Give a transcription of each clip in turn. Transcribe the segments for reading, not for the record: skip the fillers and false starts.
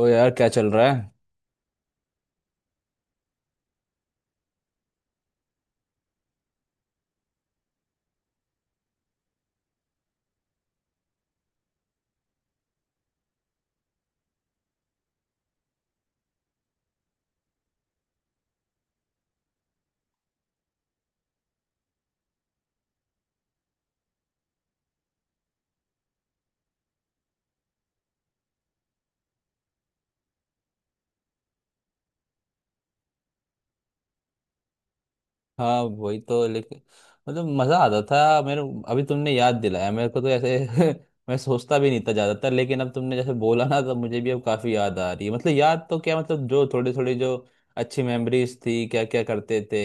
ओ यार, क्या चल रहा है। हाँ, वही तो। लेकिन मतलब मजा आता था मेरे। अभी तुमने याद दिलाया मेरे को तो ऐसे। मैं सोचता भी नहीं था ज्यादातर। लेकिन अब तुमने जैसे बोला ना तो मुझे भी अब काफी याद आ रही है। मतलब याद तो क्या, मतलब जो थोड़ी थोड़ी जो अच्छी मेमोरीज थी, क्या क्या करते थे।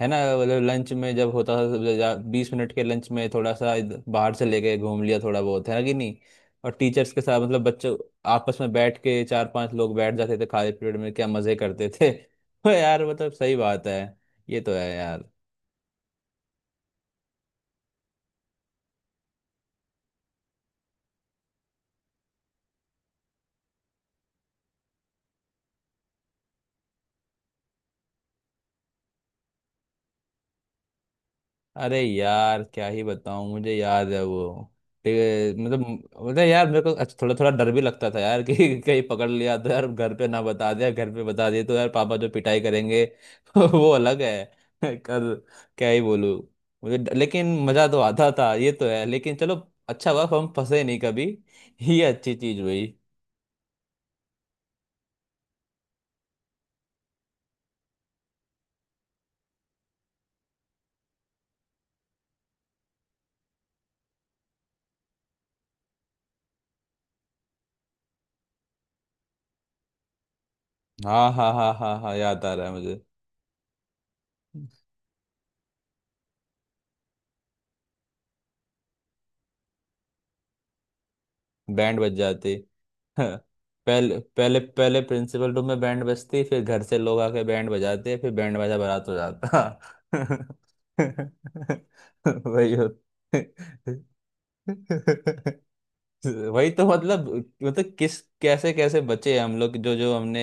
है ना। मतलब लंच में जब होता था, 20 मिनट के लंच में थोड़ा सा बाहर चले गए, घूम लिया थोड़ा बहुत, है ना कि नहीं। और टीचर्स के साथ मतलब बच्चों आपस में बैठ के चार पांच लोग बैठ जाते थे, खाली पीरियड में क्या मजे करते थे। यार मतलब सही बात है। ये तो है यार। अरे यार क्या ही बताऊं, मुझे याद है वो। ते- मतलब मतलब यार मेरे को अच्छा, थोड़ा थोड़ा डर भी लगता था यार कि कहीं पकड़ लिया तो यार घर पे ना बता दिया, घर पे बता दिए तो यार पापा जो पिटाई करेंगे। वो अलग है। कर क्या ही बोलूं। लेकिन मजा तो आता था, ये तो है। लेकिन चलो, अच्छा हुआ हम फंसे नहीं कभी, ये अच्छी चीज हुई। हाँ हाँ हाँ हाँ हाँ, याद आ रहा है मुझे। बैंड बज जाती। हाँ, पहले पहले पहले प्रिंसिपल रूम में बैंड बजती, फिर घर से लोग आके बैंड बजाते, फिर बैंड बाजा बारात हो जाता। वही होता। वही तो मतलब। मतलब किस कैसे कैसे बचे हम लोग, जो जो हमने।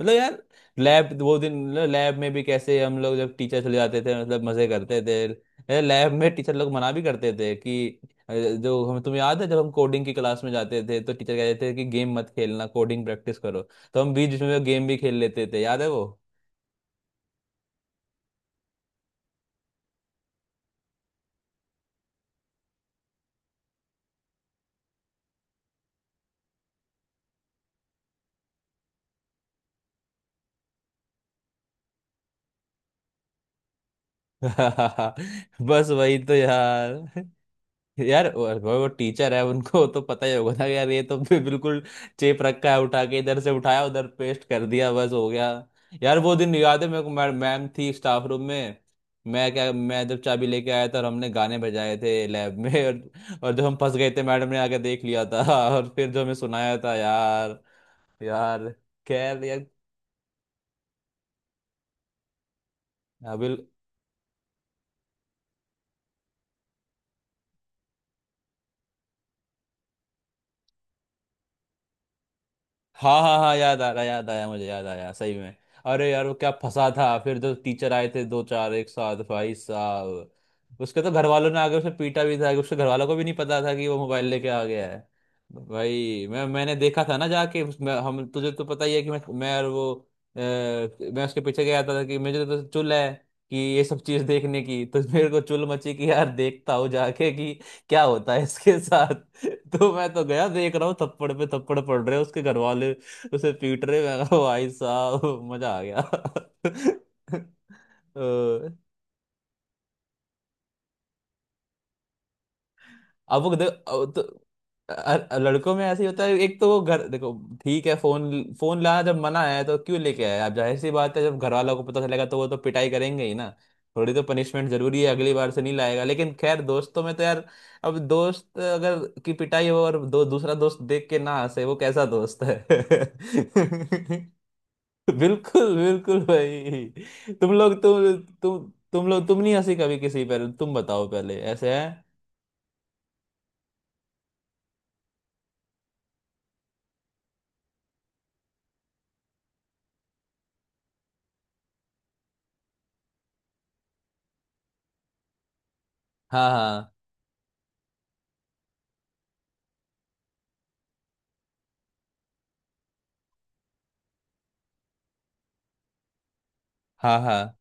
मतलब यार, लैब वो दिन। मतलब लैब में भी कैसे हम लोग, जब टीचर चले जाते थे मतलब मजे करते थे लैब में। टीचर लोग मना भी करते थे कि जो हम, तुम्हें याद है जब हम कोडिंग की क्लास में जाते थे तो टीचर कहते थे कि गेम मत खेलना, कोडिंग प्रैक्टिस करो। तो हम बीच बीच में गेम भी खेल लेते थे, याद है वो। बस वही तो यार। यार वो टीचर है, उनको तो पता ही होगा ना यार, ये तो बिल्कुल चेप रखा है, उठा के इधर से उठाया उधर पेस्ट कर दिया, बस हो गया। यार वो दिन याद है मेरे को। मैम मैम थी स्टाफ रूम में। मैं जब चाबी लेके आया था और हमने गाने बजाए थे लैब में और जब हम फंस गए थे, मैडम ने आके देख लिया था। और फिर जो हमें सुनाया था यार। यार खैर यार। अभी। हाँ हाँ हाँ, याद आ रहा, याद आया मुझे, याद आया सही में। अरे यार वो क्या फंसा था, फिर जो टीचर आए थे दो चार एक साथ भाई साहब। उसके तो घर वालों ने आगे उसे पीटा भी था, कि उसके घर वालों को भी नहीं पता था कि वो मोबाइल लेके आ गया है। भाई मैंने देखा था ना जाके हम, तुझे तो पता ही है कि मैं और वो, मैं उसके पीछे गया था कि मुझे तो चुल है कि ये सब चीज देखने की, तो मेरे को चुल मची कि यार देखता हूँ जाके कि क्या होता है इसके साथ। तो मैं तो गया, देख रहा हूँ थप्पड़ पे थप्पड़ पड़ रहे हैं, उसके घर वाले उसे पीट रहे हैं। मैं कहा, भाई साहब मजा आ गया। अ, अब वो अब तो अ- लड़कों में ऐसे ही होता है, एक तो वो घर देखो ठीक है। फोन फोन लाना जब मना है तो क्यों लेके आए। अब जाहिर सी बात है, जब घर वालों को पता चलेगा तो वो तो पिटाई करेंगे ही ना। थोड़ी तो पनिशमेंट जरूरी है, अगली बार से नहीं लाएगा। लेकिन खैर दोस्तों में तो यार, अब दोस्त अगर की पिटाई हो और दो दूसरा दोस्त देख के ना हंसे, वो कैसा दोस्त है। बिल्कुल बिल्कुल भाई, तुम लोग तुम लोग तुम नहीं हंसी कभी किसी पर, तुम बताओ पहले, ऐसे है। हाँ हाँ हाँ हाँ।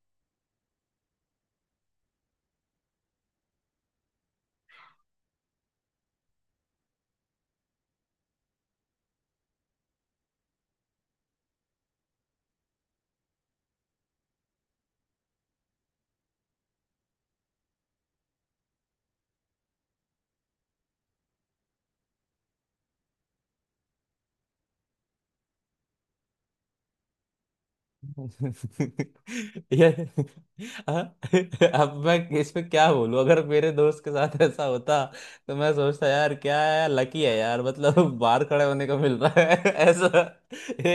यार हाँ, अब मैं इसमें क्या बोलूं। अगर मेरे दोस्त के साथ ऐसा होता तो मैं सोचता यार क्या है यार, लकी है यार मतलब। बाहर खड़े होने को मिल रहा है। ऐसा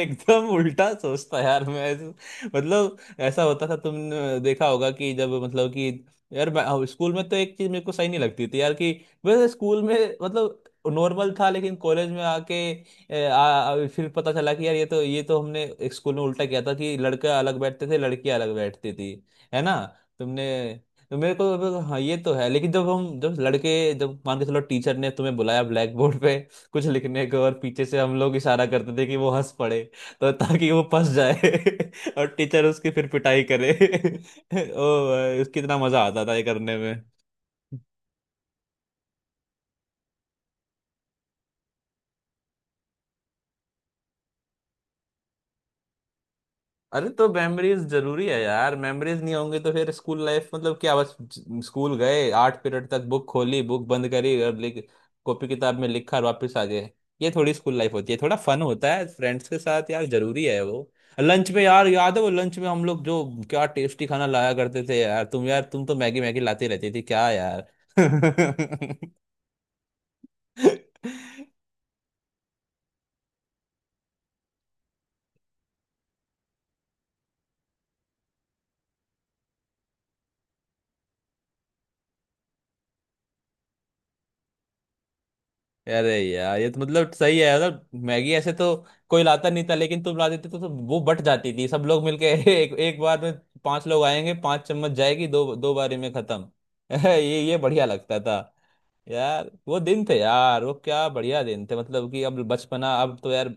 एकदम उल्टा सोचता यार मैं ऐसे। मतलब ऐसा होता था, तुमने देखा होगा कि जब मतलब कि यार मैं हाँ, स्कूल में तो एक चीज मेरे को सही नहीं लगती थी यार कि वैसे स्कूल में मतलब नॉर्मल था, लेकिन कॉलेज में आके फिर पता चला कि यार ये तो हमने एक स्कूल में उल्टा किया था, कि लड़का अलग बैठते थे, लड़की अलग बैठती थी, है ना। तुमने, तो हाँ ये तो है, लेकिन जब हम जब लड़के जब मान के चलो टीचर ने तुम्हें बुलाया ब्लैक बोर्ड पे कुछ लिखने को, और पीछे से हम लोग इशारा करते थे कि वो हंस पड़े, तो ताकि वो फंस जाए और टीचर उसकी फिर पिटाई करे। ओ भाई, उसकी इतना मजा आता था ये करने में। अरे तो मेमोरीज जरूरी है यार, मेमोरीज नहीं होंगे तो फिर स्कूल लाइफ मतलब क्या। बस स्कूल गए, आठ पीरियड तक बुक खोली, बुक बंद करी और लिख, कॉपी किताब में लिखा और वापस आ गए। ये थोड़ी स्कूल लाइफ होती है, थोड़ा फन होता है फ्रेंड्स के साथ यार, जरूरी है वो। लंच में यार, याद है वो लंच में हम लोग जो क्या टेस्टी खाना लाया करते थे यार। तुम यार, तुम तो मैगी मैगी लाती रहती थी क्या यार। अरे यार ये तो मतलब सही है, मतलब मैगी ऐसे तो कोई लाता नहीं था, लेकिन तुम ला देते तो वो बट जाती थी सब लोग मिलके। एक एक बार में पांच लोग आएंगे, पांच चम्मच जाएगी, दो दो बारी में खत्म। ये बढ़िया लगता था। यार वो दिन थे यार, वो क्या बढ़िया दिन थे, मतलब कि अब बचपना। अब तो यार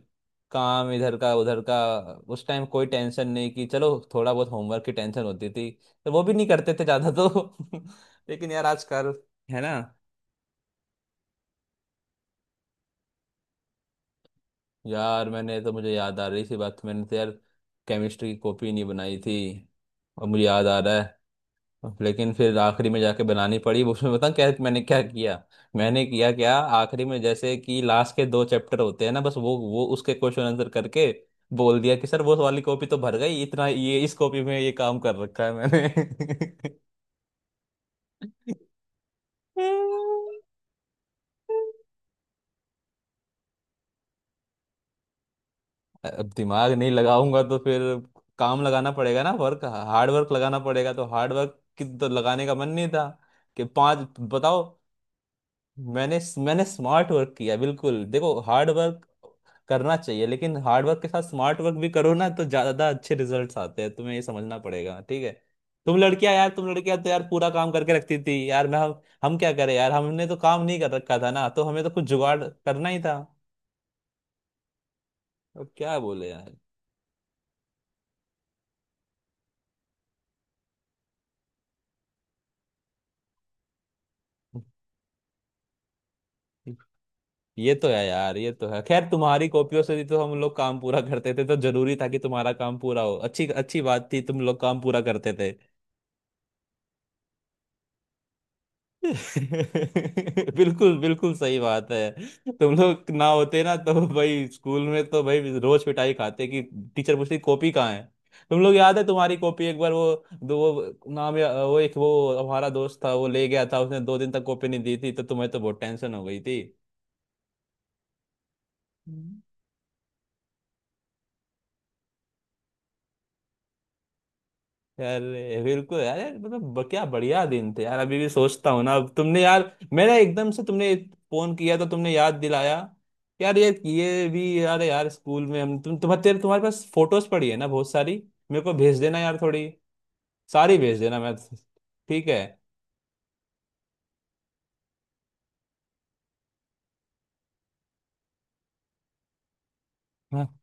काम इधर का उधर का। उस टाइम कोई टेंशन नहीं कि, चलो थोड़ा बहुत होमवर्क की टेंशन होती थी, तो वो भी नहीं करते थे ज्यादा तो। लेकिन यार आजकल है ना। यार मैंने तो, मुझे याद आ रही सी बात, मैंने तो यार केमिस्ट्री की कॉपी नहीं बनाई थी, और मुझे याद आ रहा है। लेकिन फिर आखिरी में जाके बनानी पड़ी, वो उसमें बताऊँ क्या मैंने क्या किया। मैंने किया क्या, आखिरी में जैसे कि लास्ट के दो चैप्टर होते हैं ना, बस वो उसके क्वेश्चन आंसर करके बोल दिया कि सर वो वाली कॉपी तो भर गई, इतना ये इस कॉपी में ये काम कर रखा है मैंने। अब दिमाग नहीं लगाऊंगा तो फिर काम लगाना पड़ेगा ना, वर्क हार्ड वर्क लगाना पड़ेगा। तो हार्ड वर्क की तो लगाने का मन नहीं था, कि पांच बताओ। मैंने मैंने स्मार्ट वर्क किया बिल्कुल। देखो हार्ड वर्क करना चाहिए, लेकिन हार्ड वर्क के साथ स्मार्ट वर्क भी करो ना, तो ज्यादा अच्छे रिजल्ट्स आते हैं, तुम्हें ये समझना पड़ेगा, ठीक है। तुम लड़कियां यार, तुम लड़कियां तो यार पूरा काम करके रखती थी यार। हम क्या करें यार, हमने तो काम नहीं कर रखा था ना, तो हमें तो कुछ जुगाड़ करना ही था। अब क्या बोले यार। ये तो है यार, ये तो है खैर। तुम्हारी कॉपियों से ही तो हम लोग काम पूरा करते थे, तो जरूरी था कि तुम्हारा काम पूरा हो। अच्छी अच्छी बात थी, तुम लोग काम पूरा करते थे। बिल्कुल बिल्कुल सही बात है। तुम लोग ना होते ना तो भाई स्कूल में तो भाई रोज पिटाई खाते, कि टीचर पूछती कॉपी कहाँ है। तुम लोग याद है तुम्हारी कॉपी एक बार वो दो वो नाम या वो एक वो हमारा दोस्त था, वो ले गया था, उसने 2 दिन तक कॉपी नहीं दी थी, तो तुम्हें तो बहुत टेंशन हो गई थी। अरे बिल्कुल यार यार, मतलब क्या बढ़िया दिन थे यार। अभी भी सोचता हूँ ना, अब तुमने यार मेरा एकदम से तुमने फोन किया तो तुमने याद दिलाया यार। ये भी यार यार, स्कूल में हम तुम तुम्हारे पास फोटोज पड़ी है ना बहुत सारी, मेरे को भेज देना यार थोड़ी सारी भेज देना। मैं ठीक है, हाँ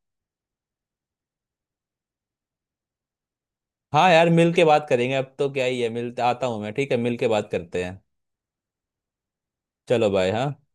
हाँ यार मिल के बात करेंगे अब तो क्या ही है, मिलते आता हूँ मैं ठीक है, मिल के बात करते हैं। चलो बाय। हाँ।